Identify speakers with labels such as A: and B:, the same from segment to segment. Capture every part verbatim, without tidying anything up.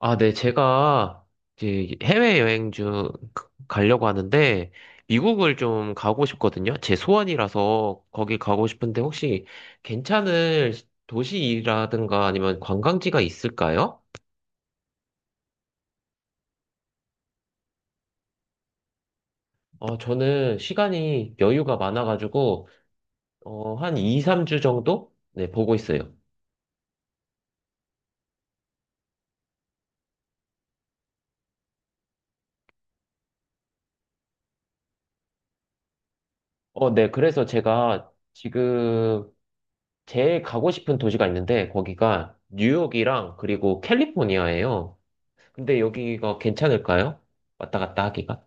A: 아, 네, 제가 이제 해외여행 중 가려고 하는데, 미국을 좀 가고 싶거든요. 제 소원이라서 거기 가고 싶은데, 혹시 괜찮을 도시라든가 아니면 관광지가 있을까요? 어, 저는 시간이 여유가 많아가지고, 어, 한 이, 삼 주 정도? 네, 보고 있어요. 어, 네, 그래서 제가 지금 제일 가고 싶은 도시가 있는데, 거기가 뉴욕이랑 그리고 캘리포니아예요. 근데 여기가 괜찮을까요? 왔다 갔다 하기가?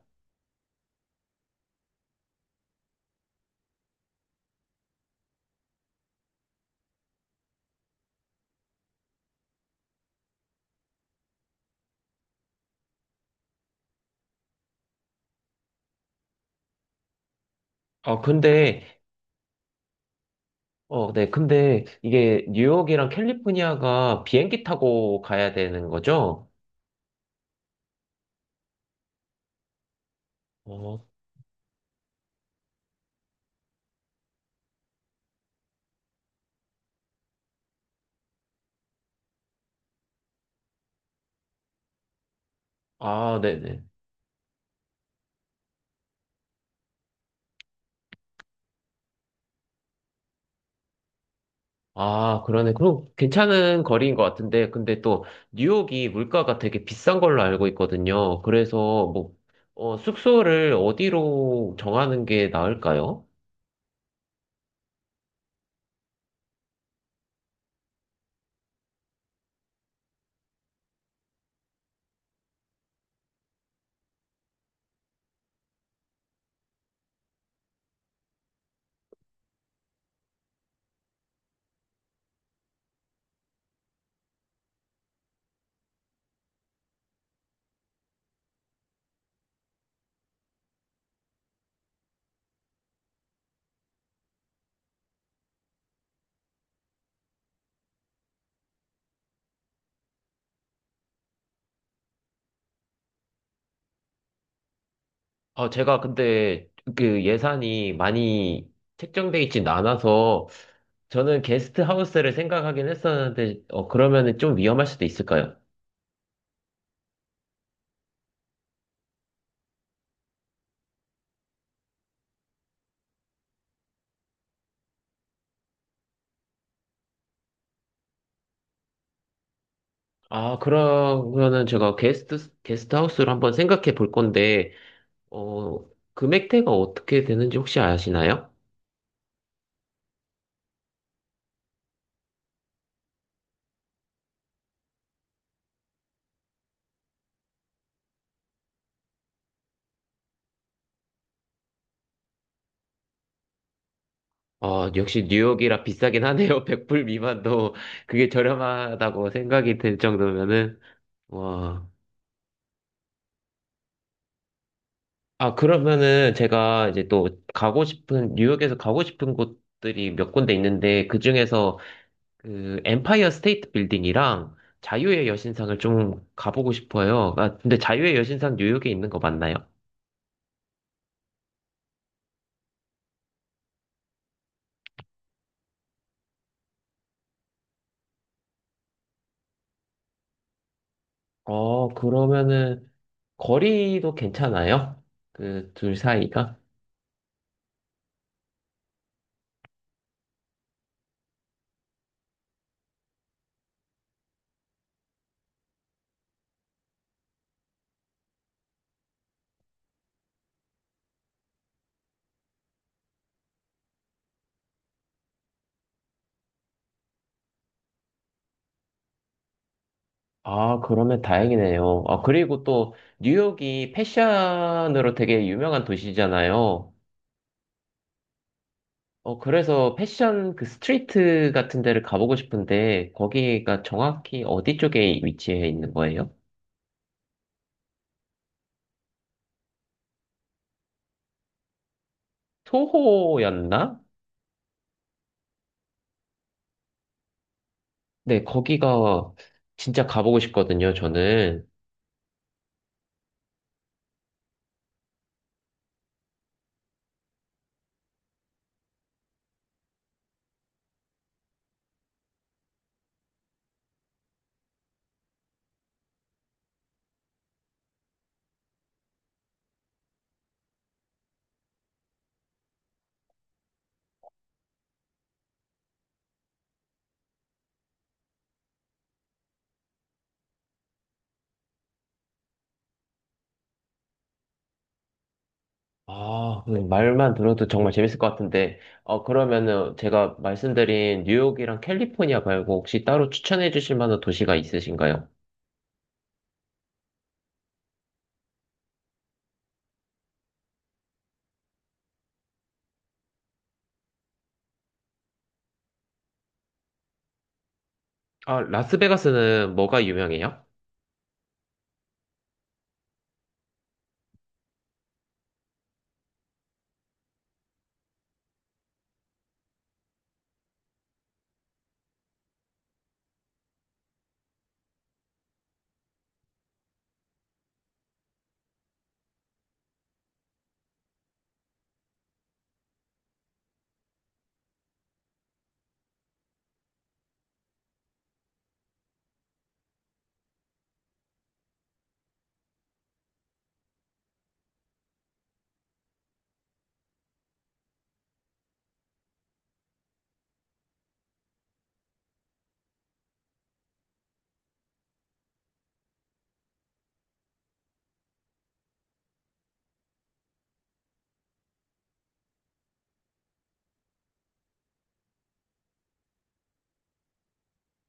A: 아, 근데, 어, 네. 근데 이게 뉴욕이랑 캘리포니아가 비행기 타고 가야 되는 거죠? 어, 아, 네네. 아, 그러네. 그럼 괜찮은 거리인 것 같은데, 근데 또 뉴욕이 물가가 되게 비싼 걸로 알고 있거든요. 그래서 뭐, 어, 숙소를 어디로 정하는 게 나을까요? 아, 제가 근데 그 예산이 많이 책정돼 있진 않아서 저는 게스트 하우스를 생각하긴 했었는데, 어, 그러면은 좀 위험할 수도 있을까요? 아, 그러면은 제가 게스트, 게스트 하우스를 한번 생각해 볼 건데, 어, 금액대가 어떻게 되는지 혹시 아시나요? 어, 역시 뉴욕이라 비싸긴 하네요. 백 불 미만도 그게 저렴하다고 생각이 들 정도면은, 와. 아, 그러면은 제가 이제 또 가고 싶은, 뉴욕에서 가고 싶은 곳들이 몇 군데 있는데, 그 중에서 그 엠파이어 스테이트 빌딩이랑 자유의 여신상을 좀 가보고 싶어요. 아, 근데 자유의 여신상 뉴욕에 있는 거 맞나요? 어, 그러면은 거리도 괜찮아요? 그 둘 사이가? 아, 그러면 다행이네요. 아, 그리고 또 뉴욕이 패션으로 되게 유명한 도시잖아요. 어, 그래서 패션 그 스트리트 같은 데를 가보고 싶은데 거기가 정확히 어디 쪽에 위치해 있는 거예요? 소호였나? 네, 거기가 진짜 가보고 싶거든요, 저는. 아, 네, 말만 들어도 정말 재밌을 것 같은데. 어, 그러면은 제가 말씀드린 뉴욕이랑 캘리포니아 말고 혹시 따로 추천해 주실 만한 도시가 있으신가요? 아, 라스베가스는 뭐가 유명해요?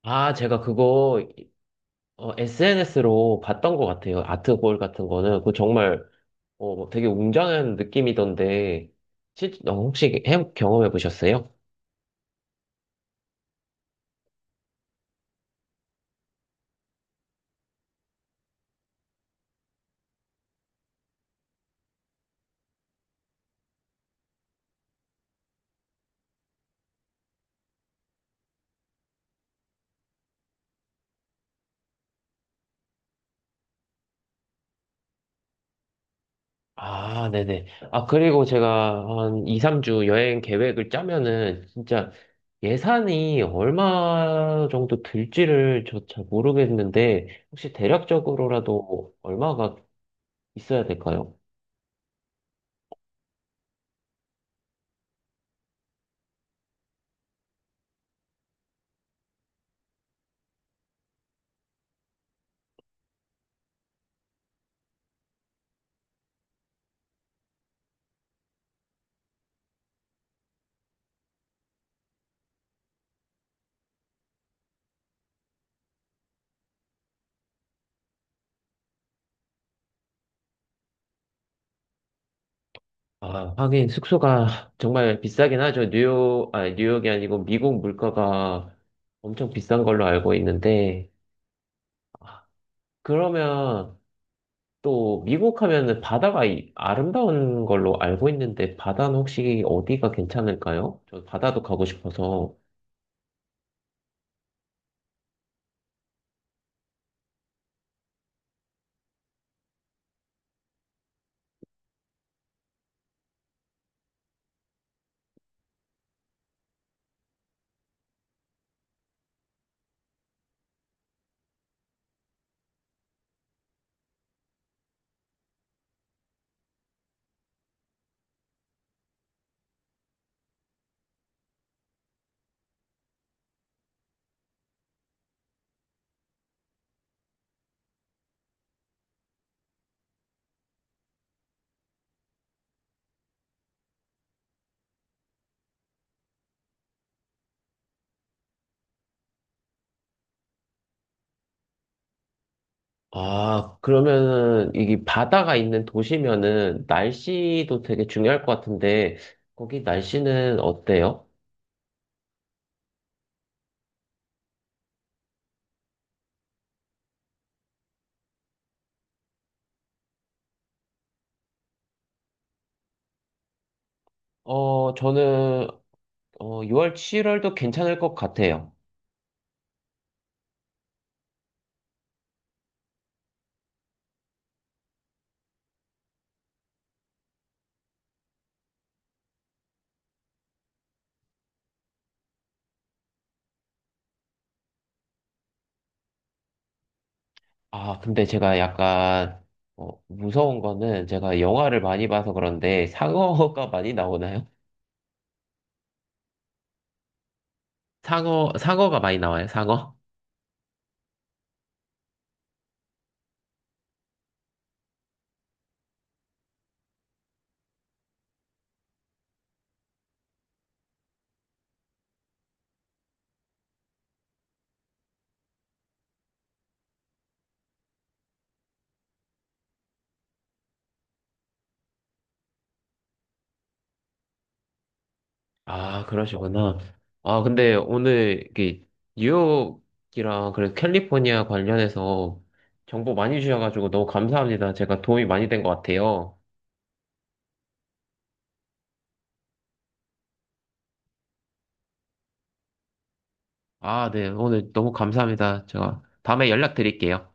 A: 아, 제가 그거 에스엔에스로 봤던 것 같아요. 아트 볼 같은 거는. 그거 정말 어, 되게 웅장한 느낌이던데. 실, 어, 혹시 해, 경험해 보셨어요? 아, 네네. 아, 그리고 제가 한 이, 삼 주 여행 계획을 짜면은 진짜 예산이 얼마 정도 들지를 저 잘 모르겠는데 혹시 대략적으로라도 얼마가 있어야 될까요? 아, 하긴 숙소가 정말 비싸긴 하죠. 뉴욕, 아니, 뉴욕이 아니고 미국 물가가 엄청 비싼 걸로 알고 있는데 그러면 또 미국 하면은 바다가 이- 아름다운 걸로 알고 있는데 바다는 혹시 어디가 괜찮을까요? 저 바다도 가고 싶어서. 아, 그러면은 이게 바다가 있는 도시면은 날씨도 되게 중요할 것 같은데 거기 날씨는 어때요? 어, 저는 어, 유월, 칠월도 괜찮을 것 같아요. 아, 근데 제가 약간 어, 무서운 거는 제가 영화를 많이 봐서 그런데 상어가 많이 나오나요? 상어, 상어가 많이 나와요, 상어? 아, 그러시구나. 아, 근데 오늘 이게 뉴욕이랑 그래서 캘리포니아 관련해서 정보 많이 주셔가지고 너무 감사합니다. 제가 도움이 많이 된 것 같아요. 아, 네. 오늘 너무 감사합니다. 제가 다음에 연락드릴게요.